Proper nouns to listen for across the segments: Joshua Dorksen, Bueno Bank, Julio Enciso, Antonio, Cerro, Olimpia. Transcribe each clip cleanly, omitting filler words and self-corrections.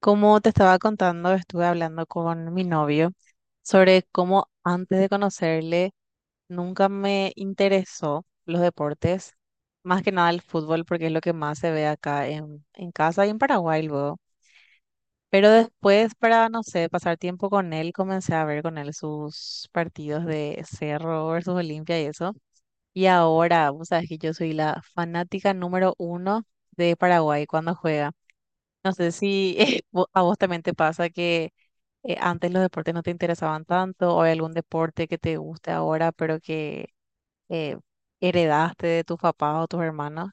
Como te estaba contando, estuve hablando con mi novio sobre cómo antes de conocerle nunca me interesó los deportes, más que nada el fútbol, porque es lo que más se ve acá en casa y en Paraguay luego. Pero después, para, no sé, pasar tiempo con él, comencé a ver con él sus partidos de Cerro versus Olimpia y eso. Y ahora, vos sabés que yo soy la fanática número uno de Paraguay cuando juega. No sé si a vos también te pasa que antes los deportes no te interesaban tanto, o hay algún deporte que te guste ahora, pero que eh, heredaste de tus papás o tus hermanos.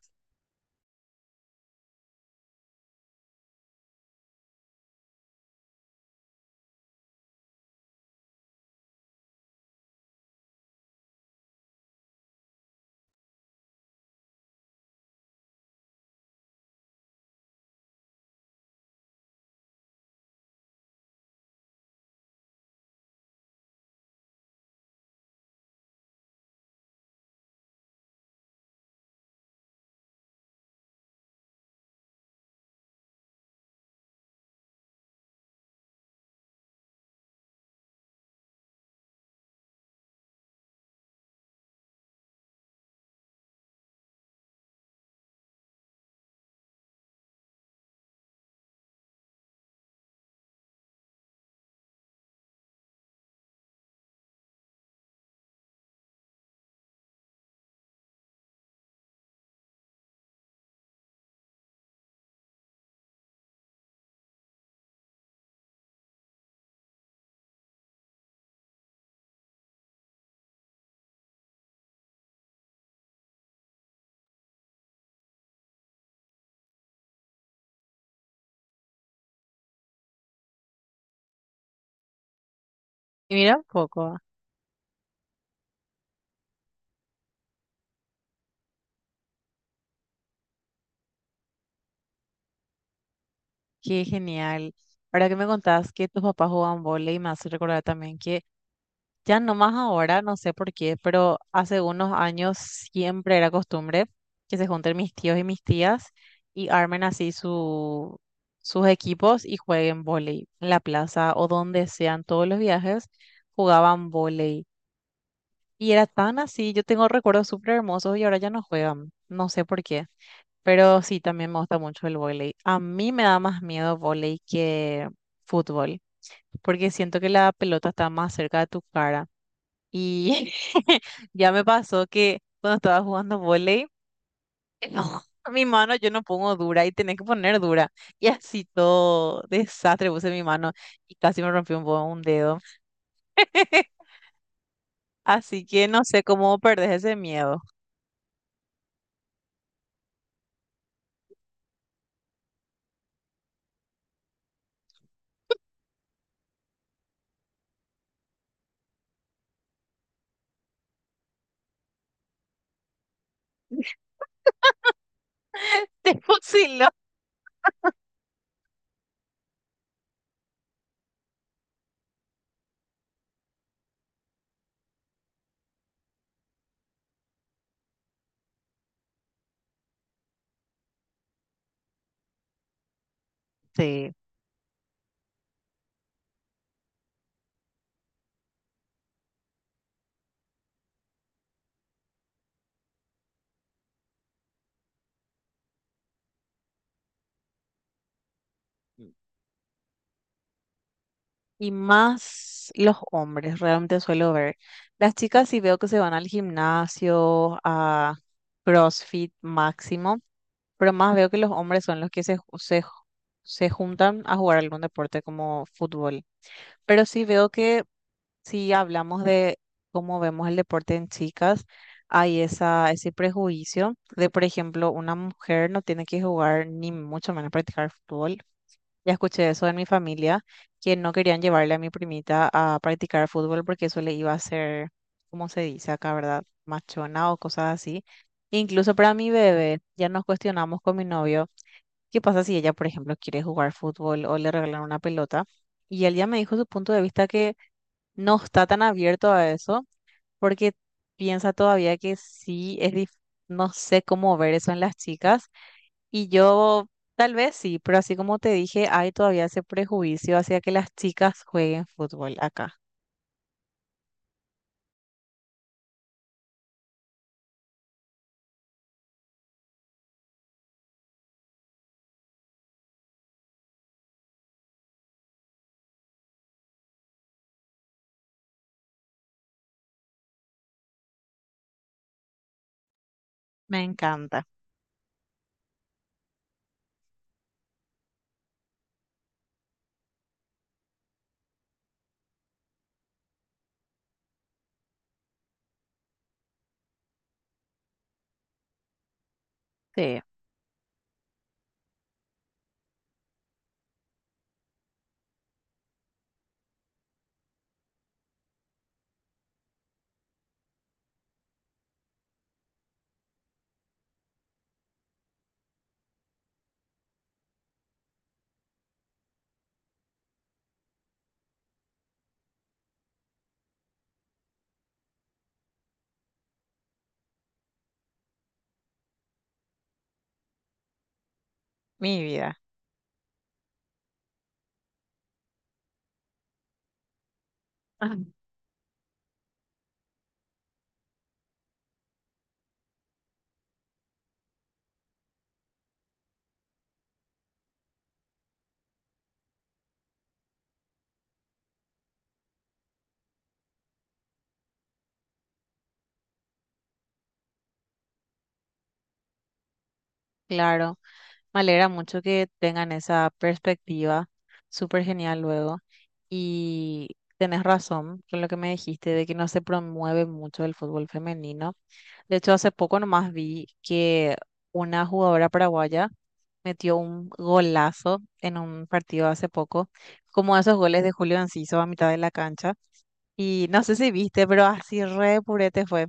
Y mira un poco, qué genial. Ahora que me contás que tus papás jugaban vóley, me hace recordar también que ya nomás ahora, no sé por qué, pero hace unos años siempre era costumbre que se junten mis tíos y mis tías y armen así sus equipos y jueguen vóley en la plaza o donde sean todos los viajes, jugaban vóley. Y era tan así, yo tengo recuerdos súper hermosos y ahora ya no juegan, no sé por qué. Pero sí, también me gusta mucho el vóley. A mí me da más miedo vóley que fútbol, porque siento que la pelota está más cerca de tu cara. Y ya me pasó que cuando estaba jugando volei, no, mi mano yo no pongo dura y tenés que poner dura. Y así todo desastre puse mi mano y casi me rompió un dedo. Así que no sé cómo perdés ese miedo. Te fusiló. Sí. Y más los hombres, realmente suelo ver. Las chicas sí veo que se van al gimnasio, a CrossFit máximo. Pero más veo que los hombres son los que se juntan a jugar algún deporte como fútbol. Pero sí veo que si hablamos de cómo vemos el deporte en chicas, hay ese prejuicio de, por ejemplo, una mujer no tiene que jugar ni mucho menos practicar fútbol. Ya escuché eso en mi familia, que no querían llevarle a mi primita a practicar fútbol porque eso le iba a hacer, como se dice acá, ¿verdad? Machona o cosas así. Incluso para mi bebé, ya nos cuestionamos con mi novio ¿qué pasa si ella, por ejemplo, quiere jugar fútbol o le regalan una pelota? Y él ya me dijo su punto de vista que no está tan abierto a eso porque piensa todavía que sí es dif- no sé cómo ver eso en las chicas. Y yo tal vez sí, pero así como te dije, hay todavía ese prejuicio hacia que las chicas jueguen fútbol acá. Me encanta. Sí, mi vida. Claro. Me alegra mucho que tengan esa perspectiva, súper genial luego. Y tenés razón con lo que me dijiste de que no se promueve mucho el fútbol femenino. De hecho, hace poco nomás vi que una jugadora paraguaya metió un golazo en un partido hace poco, como esos goles de Julio Enciso a mitad de la cancha. Y no sé si viste, pero así re purete fue.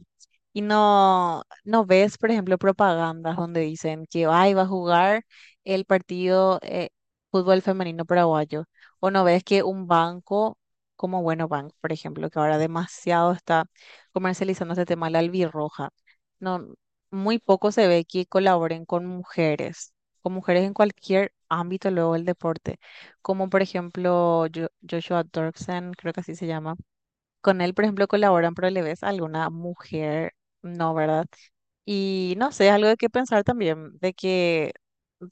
Y no, no ves, por ejemplo, propagandas donde dicen que ay, va a jugar el partido fútbol femenino paraguayo. O no ves que un banco como Bueno Bank, por ejemplo, que ahora demasiado está comercializando este tema, la albirroja. No, muy poco se ve que colaboren con mujeres, en cualquier ámbito luego del deporte. Como por ejemplo Joshua Dorksen, creo que así se llama con él, por ejemplo, colaboran, pero le ves a alguna mujer, no, ¿verdad? Y no sé, algo de qué pensar también, de que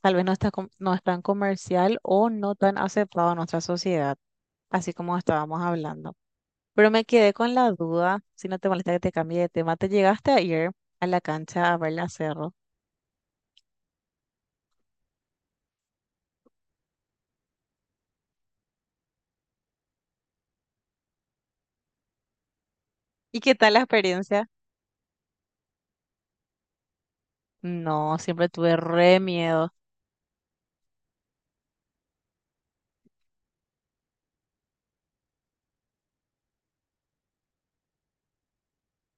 tal vez no no es tan comercial o no tan aceptado en nuestra sociedad, así como estábamos hablando. Pero me quedé con la duda, si no te molesta que te cambie de tema, ¿te llegaste a ir a la cancha a ver la Cerro? ¿Y qué tal la experiencia? No, siempre tuve re miedo.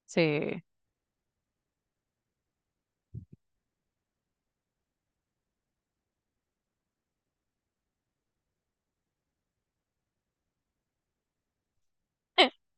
Sí.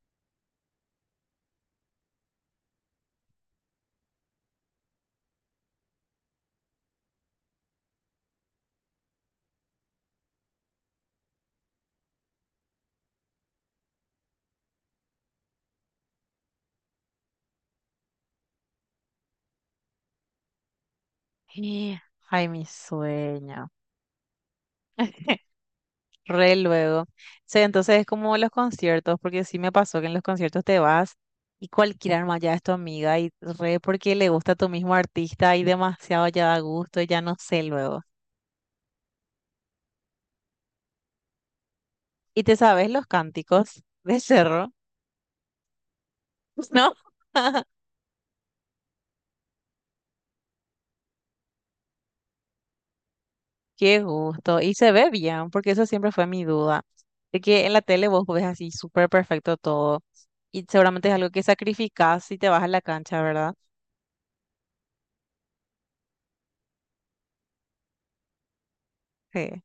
Y- ay, mi sueño. Re luego. Sí, entonces es como los conciertos, porque sí me pasó que en los conciertos te vas y cualquiera arma ya es tu amiga y re porque le gusta a tu mismo artista y demasiado ya da gusto, ya no sé luego. ¿Y te sabes los cánticos de Cerro? ¿No? Qué gusto. Y se ve bien, porque eso siempre fue mi duda. De que en la tele vos ves así súper perfecto todo y seguramente es algo que sacrificás si te vas a la cancha, ¿verdad? Sí.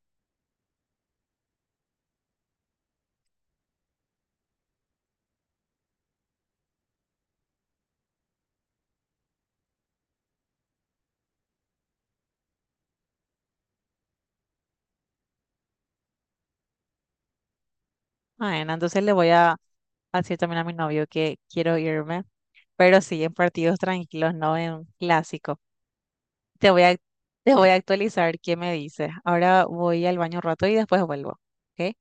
Bueno, entonces le voy a así también a mi novio que quiero irme, pero sí en partidos tranquilos, no en clásico. Te voy a, te voy a actualizar qué me dice. Ahora voy al baño un rato y después vuelvo. ¿Ok?